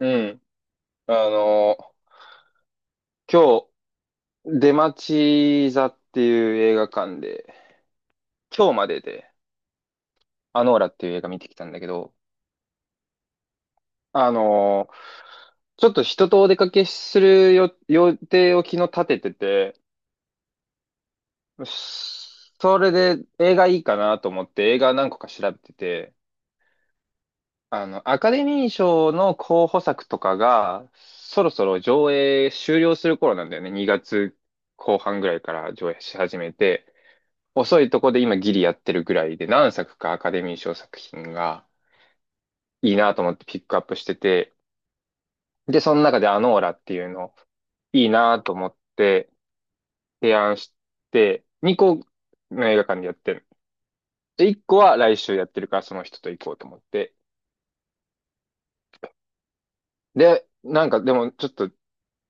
うん。あの今日、出町座っていう映画館で、今日までで、アノーラっていう映画見てきたんだけど、あのー、ちょっと人とお出かけするよ予定を昨日立ててて、それで映画いいかなと思って映画何個か調べてて、アカデミー賞の候補作とかが、そろそろ上映終了する頃なんだよね。2月後半ぐらいから上映し始めて、遅いとこで今ギリやってるぐらいで何作かアカデミー賞作品がいいなと思ってピックアップしてて、で、その中でアノーラっていうのいいなと思って提案して、2個の映画館でやってる。で、1個は来週やってるからその人と行こうと思って。で、なんかでもちょっと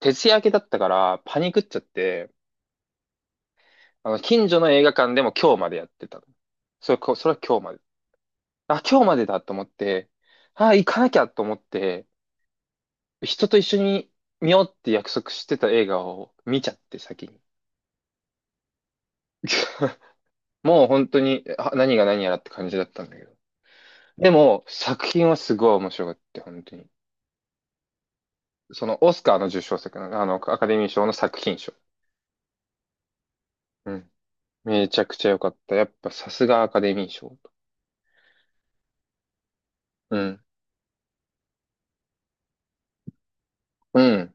徹夜明けだったからパニクっちゃって、近所の映画館でも今日までやってたの。それ、それは今日まで。あ、今日までだと思って、あ、行かなきゃと思って、人と一緒に見ようって約束してた映画を見ちゃって先に。もう本当にあ何が何やらって感じだったんだけど。でも作品はすごい面白かった、本当に。そのオスカーの受賞作の、アカデミー賞の作品賞。うん。めちゃくちゃ良かった。やっぱさすがアカデミー賞。うん。うん。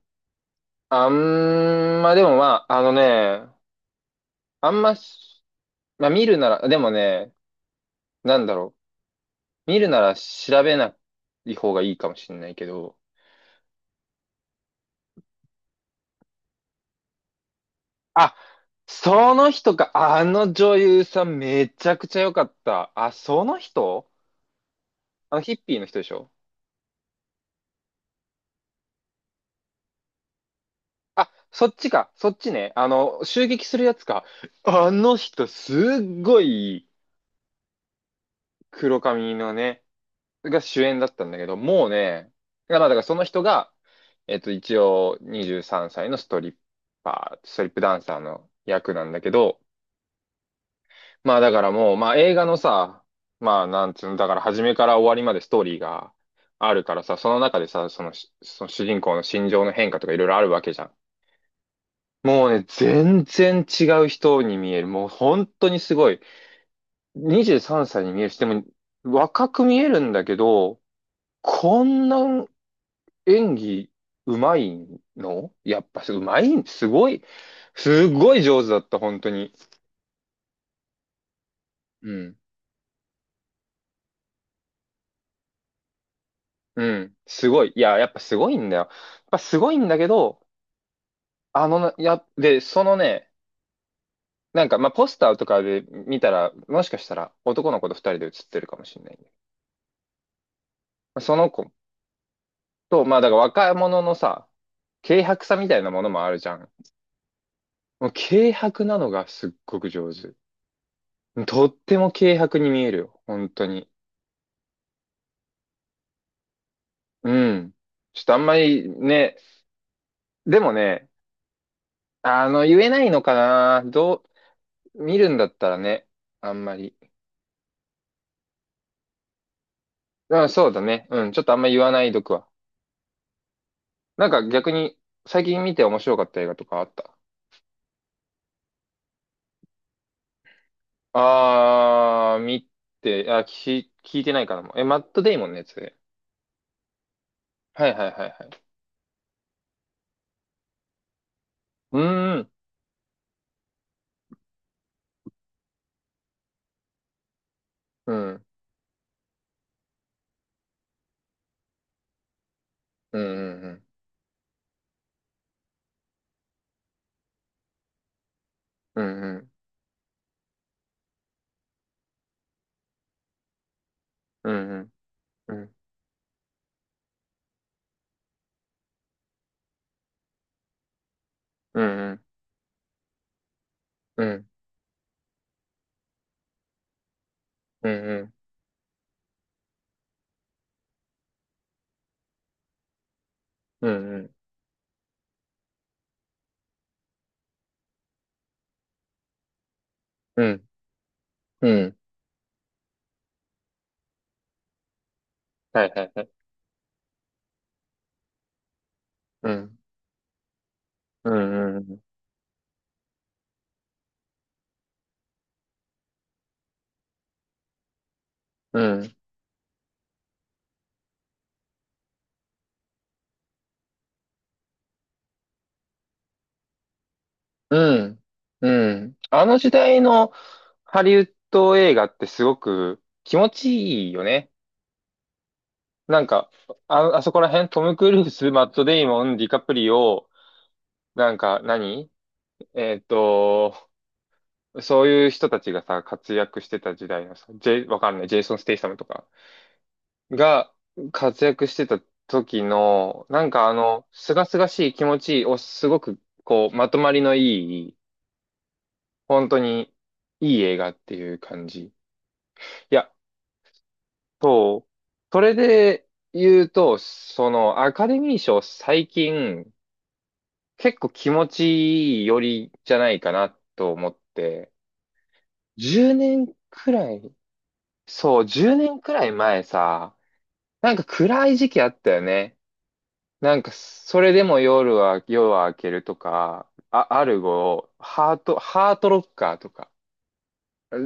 あんま、でもまあ、あのね、あんまし、まあ見るなら、でもね、なんだろう。見るなら調べない方がいいかもしれないけど、あ、その人か。あの女優さんめちゃくちゃ良かった。あ、その人あのヒッピーの人でしょ。あ、そっちか。そっちね。襲撃するやつか。あの人、すっごい黒髪のね、が主演だったんだけど、もうね、だからその人が、えっと、一応23歳のストリッパー、ストリップダンサーの役なんだけど、まあだからもう、まあ映画のさ、まあなんつうの、だから初めから終わりまでストーリーがあるからさ、その中でさ、そのし、その主人公の心情の変化とかいろいろあるわけじゃん。もうね、全然違う人に見える。もう本当にすごい。23歳に見えるし、でも若く見えるんだけど、こんな演技うまいのやっぱうまい、すごい、すごい上手だった、本当に。うん。うん。すごい。いや、やっぱすごいんだよ。やっぱすごいんだけど、あのな、や、で、そのね、なんか、まあ、ポスターとかで見たら、もしかしたら男の子と二人で写ってるかもしれない、ね。まあその子と、まあ、だから若者のさ、軽薄さみたいなものもあるじゃん。もう軽薄なのがすっごく上手。とっても軽薄に見えるよ。本当に。うん。ちょっとあんまりね、でもね、言えないのかな。どう、見るんだったらね、あんまり。うん、そうだね。うん、ちょっとあんま言わないどくわ。なんか逆に、最近見て面白かった映画とかあった。あー、見て、あ、聞いてないかな。え、マット・デイモンのやつね。はいはいはいはい。うーん、うん、うん、うん、うん、うん、うん、うん、うん、うん、うん、うん、うん、うん、うん、うん、はいはいはい。うん、うん、うん、うん、うん、うん。あの時代のハリウッド映画ってすごく気持ちいいよね。なんか、あ、あそこら辺、トム・クルーズ、マット・デイモン、ディカプリオ、なんか何、えっと、そういう人たちがさ、活躍してた時代のさ、ジェイ、わかんない、ジェイソン・ステイサムとかが活躍してた時の、なんかあの、すがすがしい気持ちをすごく、こう、まとまりのいい、本当にいい映画っていう感じ。いや、そう。それで言うと、その、アカデミー賞最近、結構気持ちいいよりじゃないかなと思って、10年くらい、そう、10年くらい前さ、なんか暗い時期あったよね。なんか、それでも夜は、夜は明けるとか、あ、アルゴ、ハート、ハートロッカーとか。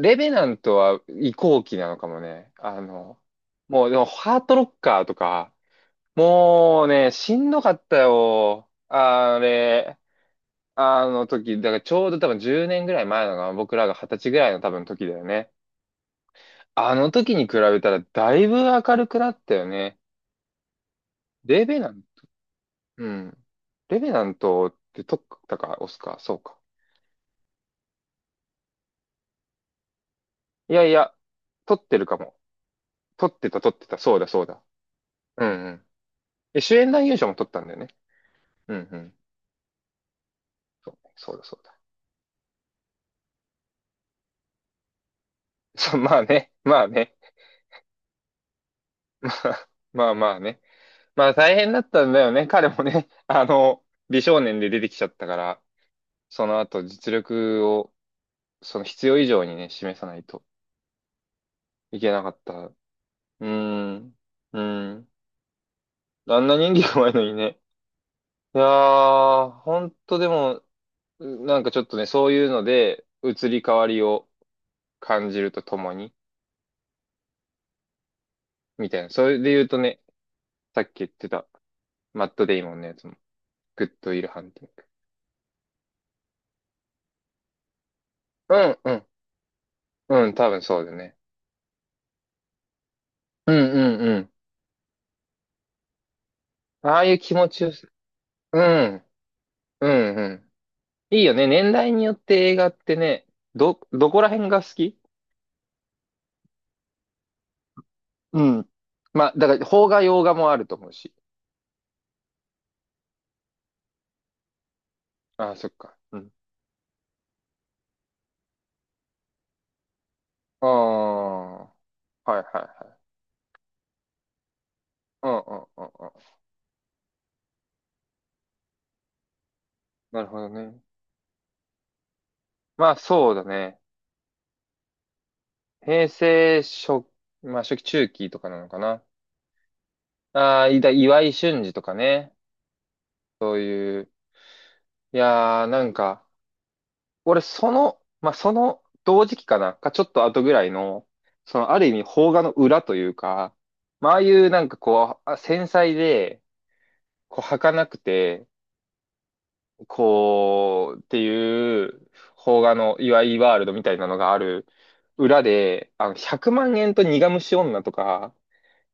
レベナントは移行期なのかもね。もう、でも、ハートロッカーとか、もうね、しんどかったよ。あれ。あの時、だからちょうど多分10年ぐらい前のが、僕らが20歳ぐらいの多分時だよね。あの時に比べたらだいぶ明るくなったよね。レベナン、うん。レベナントって撮ったか、オスか、そうか。いやいや、撮ってるかも。撮ってた。そうだ、そうだ。うんうん。え、主演男優賞も撮ったんだよね。うんうん。そうねそうだ、そうだ。そう、まあね、まあね。まあ、まあまあね。まあ大変だったんだよね。彼もね、美少年で出てきちゃったから。その後実力を、その必要以上にね、示さないといけなかった。うーん。うーん。あんな人気弱いのにね。いやー、ほんとでも、なんかちょっとね、そういうので、移り変わりを感じるとともに、みたいな。それで言うとね、さっき言ってた、マット・デイモンのやつも、グッド・ウィル・ハンティング。うん、うん、うん、多分そうだね。うん、うん、うん。ああいう気持ちよさ。うん、うん、うん。いいよね。年代によって映画ってね、ど、どこら辺が好き。うん。まあ、だから、邦画、洋画もあると思うし。ああ、そっか。うん。ああ、はいはいはい。うんうんうんうん。なるほどね。まあ、そうだね。平成初、まあ、初期中期とかなのかな。ああ、いだ、岩井俊二とかね。いやー、なんか、俺、その、まあ、その同時期かな、かちょっと後ぐらいの、その、ある意味、邦画の裏というか、まあ、ああいうなんかこう、あ繊細で、こう、儚くて、こう、っていう、邦画の、いわゆるワールドみたいなのがある裏で、100万円と苦虫女とか、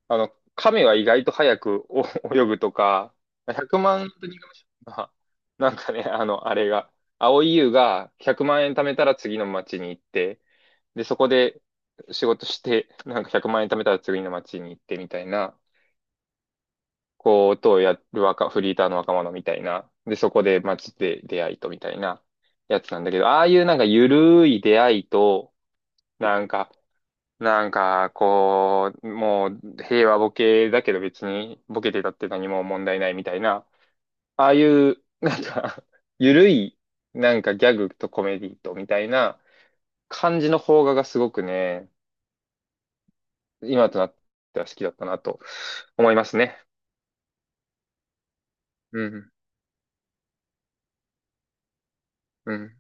亀は意外と早くお 泳ぐとか、100万円と2万円が、なんかね、あの、あれが、蒼井優が100万円貯めたら次の町に行って、で、そこで仕事して、なんか100万円貯めたら次の町に行ってみたいな、こう、ことをやる若、フリーターの若者みたいな、で、そこで町で出会いとみたいなやつなんだけど、ああいうなんかゆるい出会いと、なんか、なんか、こう、もう平和ボケだけど別にボケてたって何も問題ないみたいな、ああいう、なんか ゆるい、なんかギャグとコメディとみたいな感じの邦画がすごくね、今となっては好きだったなと思いますね。うん、うん。